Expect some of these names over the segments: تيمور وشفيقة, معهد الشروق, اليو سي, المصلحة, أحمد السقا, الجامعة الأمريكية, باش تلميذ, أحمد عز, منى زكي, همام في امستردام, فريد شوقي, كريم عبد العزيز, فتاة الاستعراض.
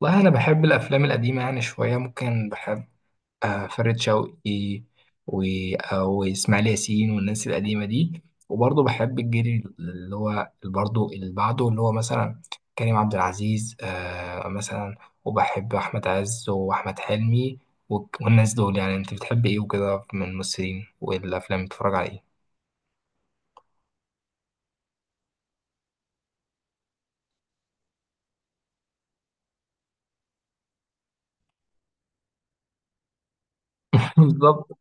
والله أنا بحب الأفلام القديمة يعني شوية ممكن بحب فريد شوقي. و- وإسماعيل ياسين والناس القديمة دي. وبرضه بحب الجيل اللي هو برضه اللي بعده اللي هو مثلا كريم عبد العزيز مثلا. وبحب أحمد عز وأحمد حلمي والناس دول. يعني أنت بتحب إيه وكده من الممثلين والأفلام بتتفرج على إيه؟ بالظبط.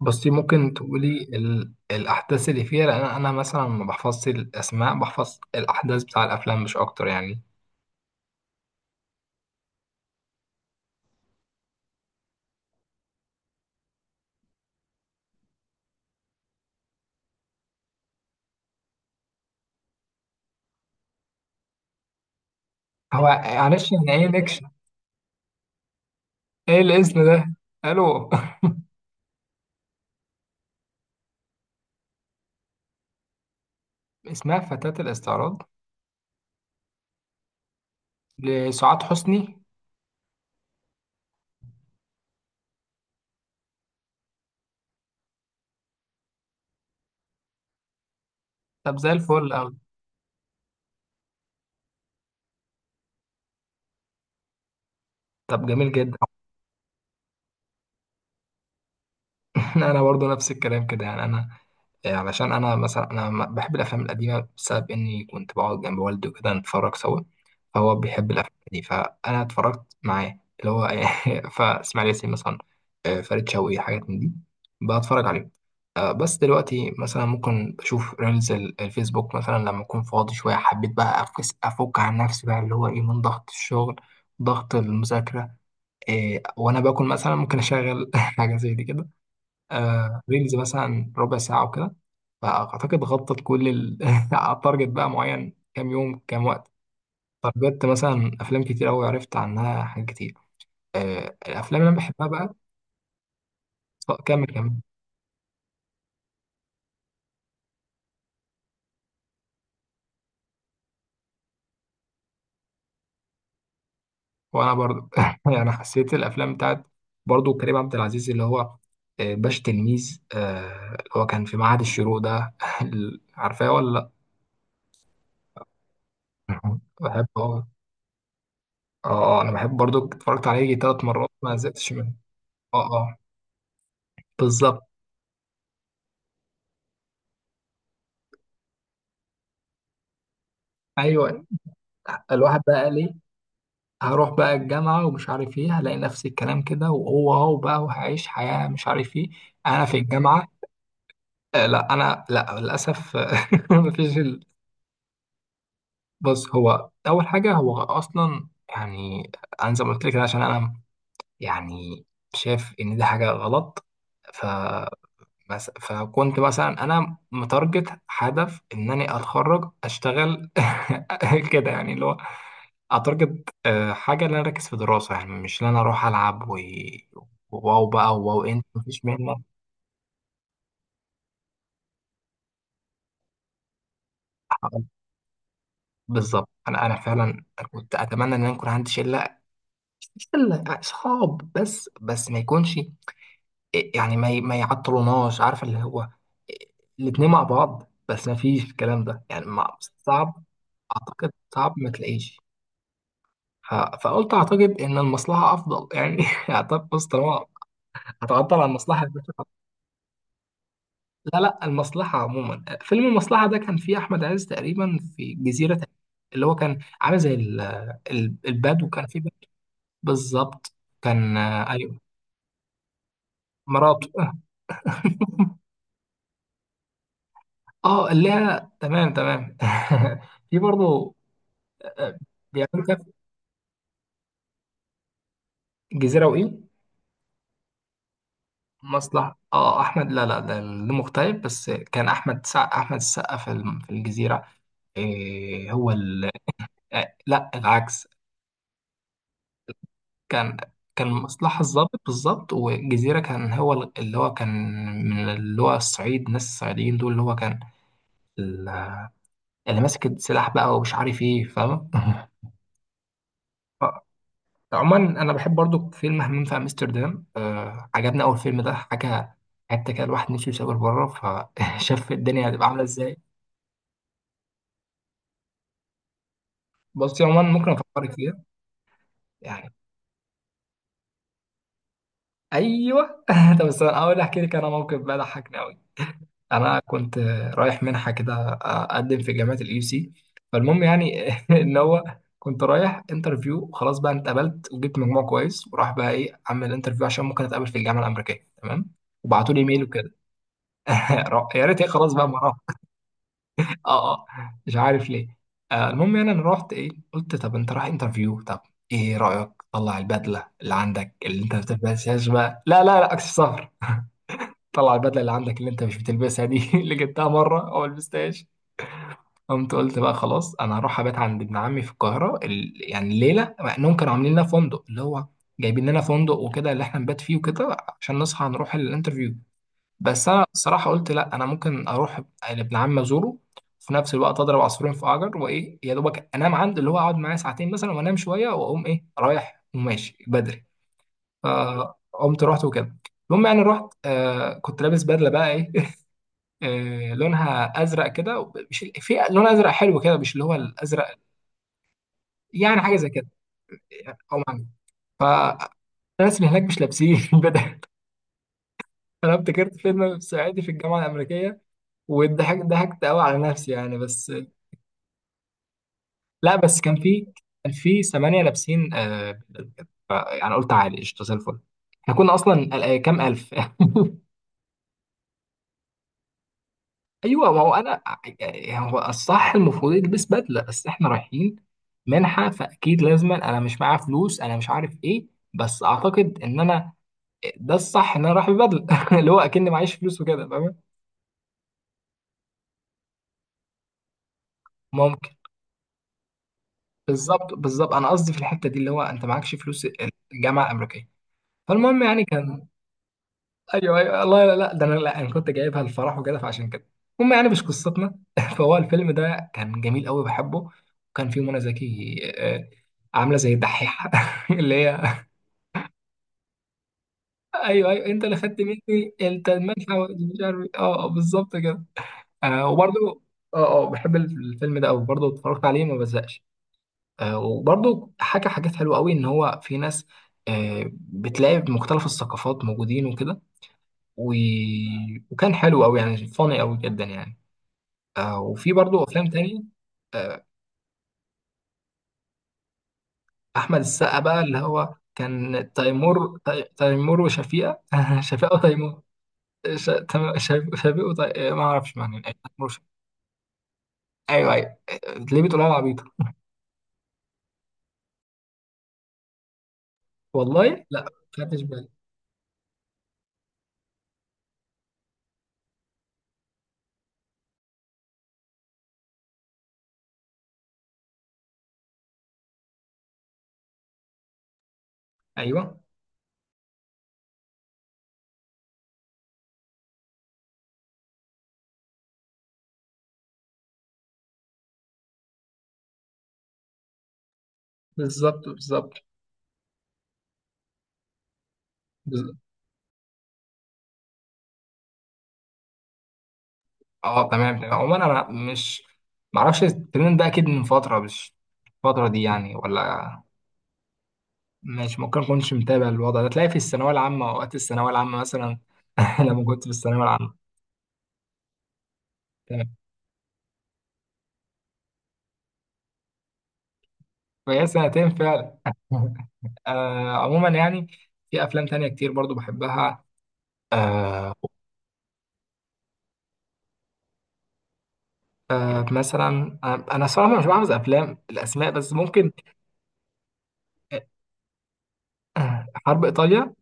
بصي ممكن تقولي الأحداث اللي فيها، لأن أنا مثلا ما بحفظش الأسماء، بحفظ الأحداث بتاع الأفلام مش أكتر يعني. هو معلش، يعني إيه نكشة؟ إيه الاسم ده؟ ألو. اسمها فتاة الاستعراض؟ لسعاد حسني؟ طب زي الفل أوي. طب جميل جدا. انا برضو نفس الكلام كده يعني انا. علشان انا مثلا انا بحب الافلام القديمه بسبب اني كنت بقعد جنب والدي وكده نتفرج سوا. فهو بيحب الافلام دي فانا اتفرجت معاه اللي هو. فاسماعيل ياسين مثلا، فريد شوقي، حاجات من دي، بتفرج عليهم. بس دلوقتي مثلا ممكن بشوف ريلز الفيسبوك مثلا لما اكون فاضي شويه، حبيت بقى افك عن نفسي بقى، اللي هو ايه، من ضغط الشغل، ضغط المذاكره. وانا باكل مثلا ممكن اشغل حاجه زي دي كده، ريلز مثلا ربع ساعة وكده. فأعتقد غطت كل ال التارجت بقى، معين كام يوم كام وقت. تارجت مثلا أفلام كتير أوي، عرفت عنها حاجات كتير، الأفلام اللي أنا بحبها بقى. كمل كمل. وأنا برضو. يعني حسيت الأفلام بتاعت، برضو كريم عبد العزيز اللي هو باش تلميذ، اللي هو كان في معهد الشروق ده. عارفاه ولا لأ؟ بحبه أوي. اه اه، انا بحب برضو، اتفرجت عليه 3 مرات ما زهقتش منه. اه اه بالظبط. ايوه الواحد بقى قال ايه، هروح بقى الجامعة ومش عارف ايه، هلاقي نفس الكلام كده وهو هو بقى، وهعيش حياة مش عارف ايه. انا في الجامعة. لا انا لا للأسف. مفيش بص، هو اول حاجة هو اصلا يعني، انا زي ما قلت لك كده، عشان انا يعني شايف ان دي حاجة غلط. ف فكنت مثلا انا متارجت هدف ان انا اتخرج اشتغل، كده يعني، اللي هو اعتقد حاجه اللي انا اركز في دراسه يعني، مش اللي انا اروح العب واو بقى واو، انت مفيش منك. بالظبط، انا فعلا كنت اتمنى ان انا يكون عندي شله. مش شله اصحاب بس ما يكونش، يعني ما يعطلوناش، عارف، اللي هو الاتنين مع بعض، بس ما فيش الكلام ده يعني صعب، اعتقد صعب ما تلاقيش. فقلت اعتقد ان المصلحه افضل يعني، اعتقد بص، طالما هتعطل عن المصلحه. لا لا، المصلحة عموما. فيلم المصلحة ده كان فيه أحمد عز تقريبا في جزيرة، اللي هو كان عامل زي الباد، وكان فيه باد، بالظبط. كان أيوه، مراته. اه اللي هي تمام تمام. في برضه آه، بيعملوا كده. جزيرة وإيه؟ مصلحة. اه أحمد، لا لا، ده مغترب. بس كان أحمد أحمد السقا في في الجزيرة. إيه هو لا العكس. كان كان مصلحة الضابط بالظبط، والجزيرة كان هو اللي هو كان من اللي هو الصعيد، الناس الصعيديين دول اللي هو كان ال- اللي ماسك السلاح بقى ومش عارف ايه، فاهم. آه، عموما انا بحب برضو فيلم همام في امستردام، عجبني اول فيلم ده حاجة، حتى كده الواحد نفسه يسافر بره فشاف الدنيا هتبقى عاملة ازاي. بصي عموما ممكن افكرك فيها يعني. ايوه. طب بس انا اول احكي لك انا موقف بقى ضحكني. انا كنت رايح منحه كده، اقدم في جامعه اليو سي، فالمهم يعني، ان هو كنت رايح انترفيو وخلاص بقى. أنا اتقبلت وجبت مجموع كويس، وراح بقى ايه، اعمل انترفيو عشان ممكن اتقابل في الجامعه الامريكيه، تمام، وبعتوا لي ايميل وكده. يا ريت ايه، خلاص بقى، ما اروح. اه اه، مش عارف ليه. المهم يعني، انا رحت ايه، قلت طب انت رايح انترفيو، طب ايه رايك طلع البدله اللي عندك اللي انت ما بتلبسهاش بقى، لا لا لا عكس السفر، طلع البدله اللي عندك اللي انت مش بتلبسها دي اللي جبتها مره او لبستهاش. قمت قلت بقى خلاص، انا هروح ابات عند ابن عمي في القاهره يعني ليله، مع انهم كانوا عاملين لنا فندق، اللي هو جايبين لنا فندق وكده اللي احنا نبات فيه وكده عشان نصحى نروح الانترفيو. بس انا الصراحه قلت لا، انا ممكن اروح لابن عمي ازوره في نفس الوقت، اضرب عصفورين في حجر، وايه يا دوبك انام عنده، اللي هو اقعد معاه ساعتين مثلا وانام شويه واقوم ايه رايح وماشي بدري. فقمت رحت وكده. المهم يعني رحت، كنت لابس بدله بقى ايه، لونها ازرق كده مش في لون ازرق حلو كده مش اللي هو الازرق، يعني حاجه زي كده، او معنى. فالناس اللي هناك مش لابسين بدل. انا افتكرت فيلم صعيدي في الجامعه الامريكيه، وضحكت ضحكت قوي على نفسي يعني. بس لا بس كان في 8 لابسين بدل كده يعني قلت عادي، قشطه زي الفل. احنا كنا اصلا كام الف. ايوه ما هو انا يعني، هو الصح المفروض يلبس بدله، بس احنا رايحين منحه فاكيد، لازما انا مش معايا فلوس، انا مش عارف ايه، بس اعتقد ان انا ده الصح ان انا رايح ببدله، اللي هو اكني معيش فلوس وكده، فاهم. ممكن، بالظبط بالظبط، انا قصدي في الحته دي اللي هو انت معكش فلوس الجامعه الامريكيه. فالمهم يعني كان، ايوه ايوه، الله، لا لا، ده انا، لا انا كنت جايبها الفرح وكده فعشان كده. المهم يعني مش قصتنا. فهو الفيلم ده كان جميل قوي، بحبه، وكان فيه منى زكي عامله زي الدحيحه اللي هي ايوه ايوه انت اللي خدت مني، انت المدفع مش عارف إيه. اه بالظبط كده. وبرده، اه اه، بحب الفيلم ده قوي برضه، اتفرجت عليه ما بزهقش. وبرضه حكى حاجات حلوه قوي، ان هو في ناس بتلاقي مختلف الثقافات موجودين وكده و... وكان حلو قوي يعني، فاني قوي جدا يعني. وفي برضو افلام تاني. آه احمد السقا بقى اللي هو كان تيمور، تيمور وشفيقة. شفيقة وتيمور، شفيق ما اعرفش معنى إيه. تيمور وشفيقة. ايوه ايوه، ليه بتقولها العبيطة؟ والله لا، خدتش بالي. ايوه بالظبط بالظبط بالظبط. اه تمام تمام، عموما انا مش معرفش الترند ده، اكيد من فترة مش الفترة دي يعني ولا. مش ممكن اكونش متابع الوضع ده، تلاقي في الثانوية العامة، اوقات الثانوية العامة مثلا لما كنت في الثانوية العامة. تمام. فهي سنتين فعلا. عموما يعني في افلام تانية كتير برضو بحبها. آه مثلا، انا صراحة مش بحفظ افلام الاسماء بس ممكن. حرب ايطاليا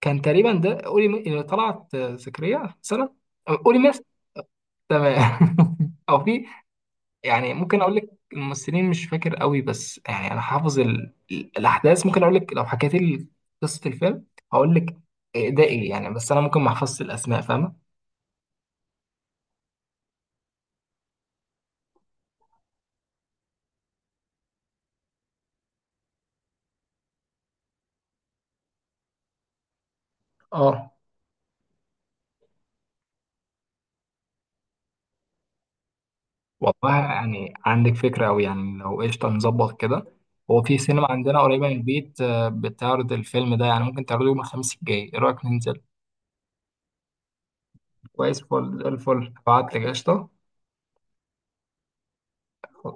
كان تقريبا ده، قولي اللي طلعت سكرية مثلا. قولي مس، تمام. او في يعني، ممكن اقول لك الممثلين مش فاكر قوي، بس يعني انا حافظ الاحداث. ممكن اقول لك لو حكيت لي قصة الفيلم، هقول لك ده ايه يعني، بس انا ممكن ما احفظش الاسماء، فاهمة. اه والله يعني عندك فكرة أوي يعني، لو قشطة نظبط كده. هو في سينما عندنا قريبة من البيت بتعرض الفيلم ده، يعني ممكن تعرضه يوم الخميس الجاي، إيه رأيك ننزل؟ كويس، فل الفل، هبعتلك قشطة.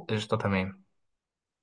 قشطة تمام.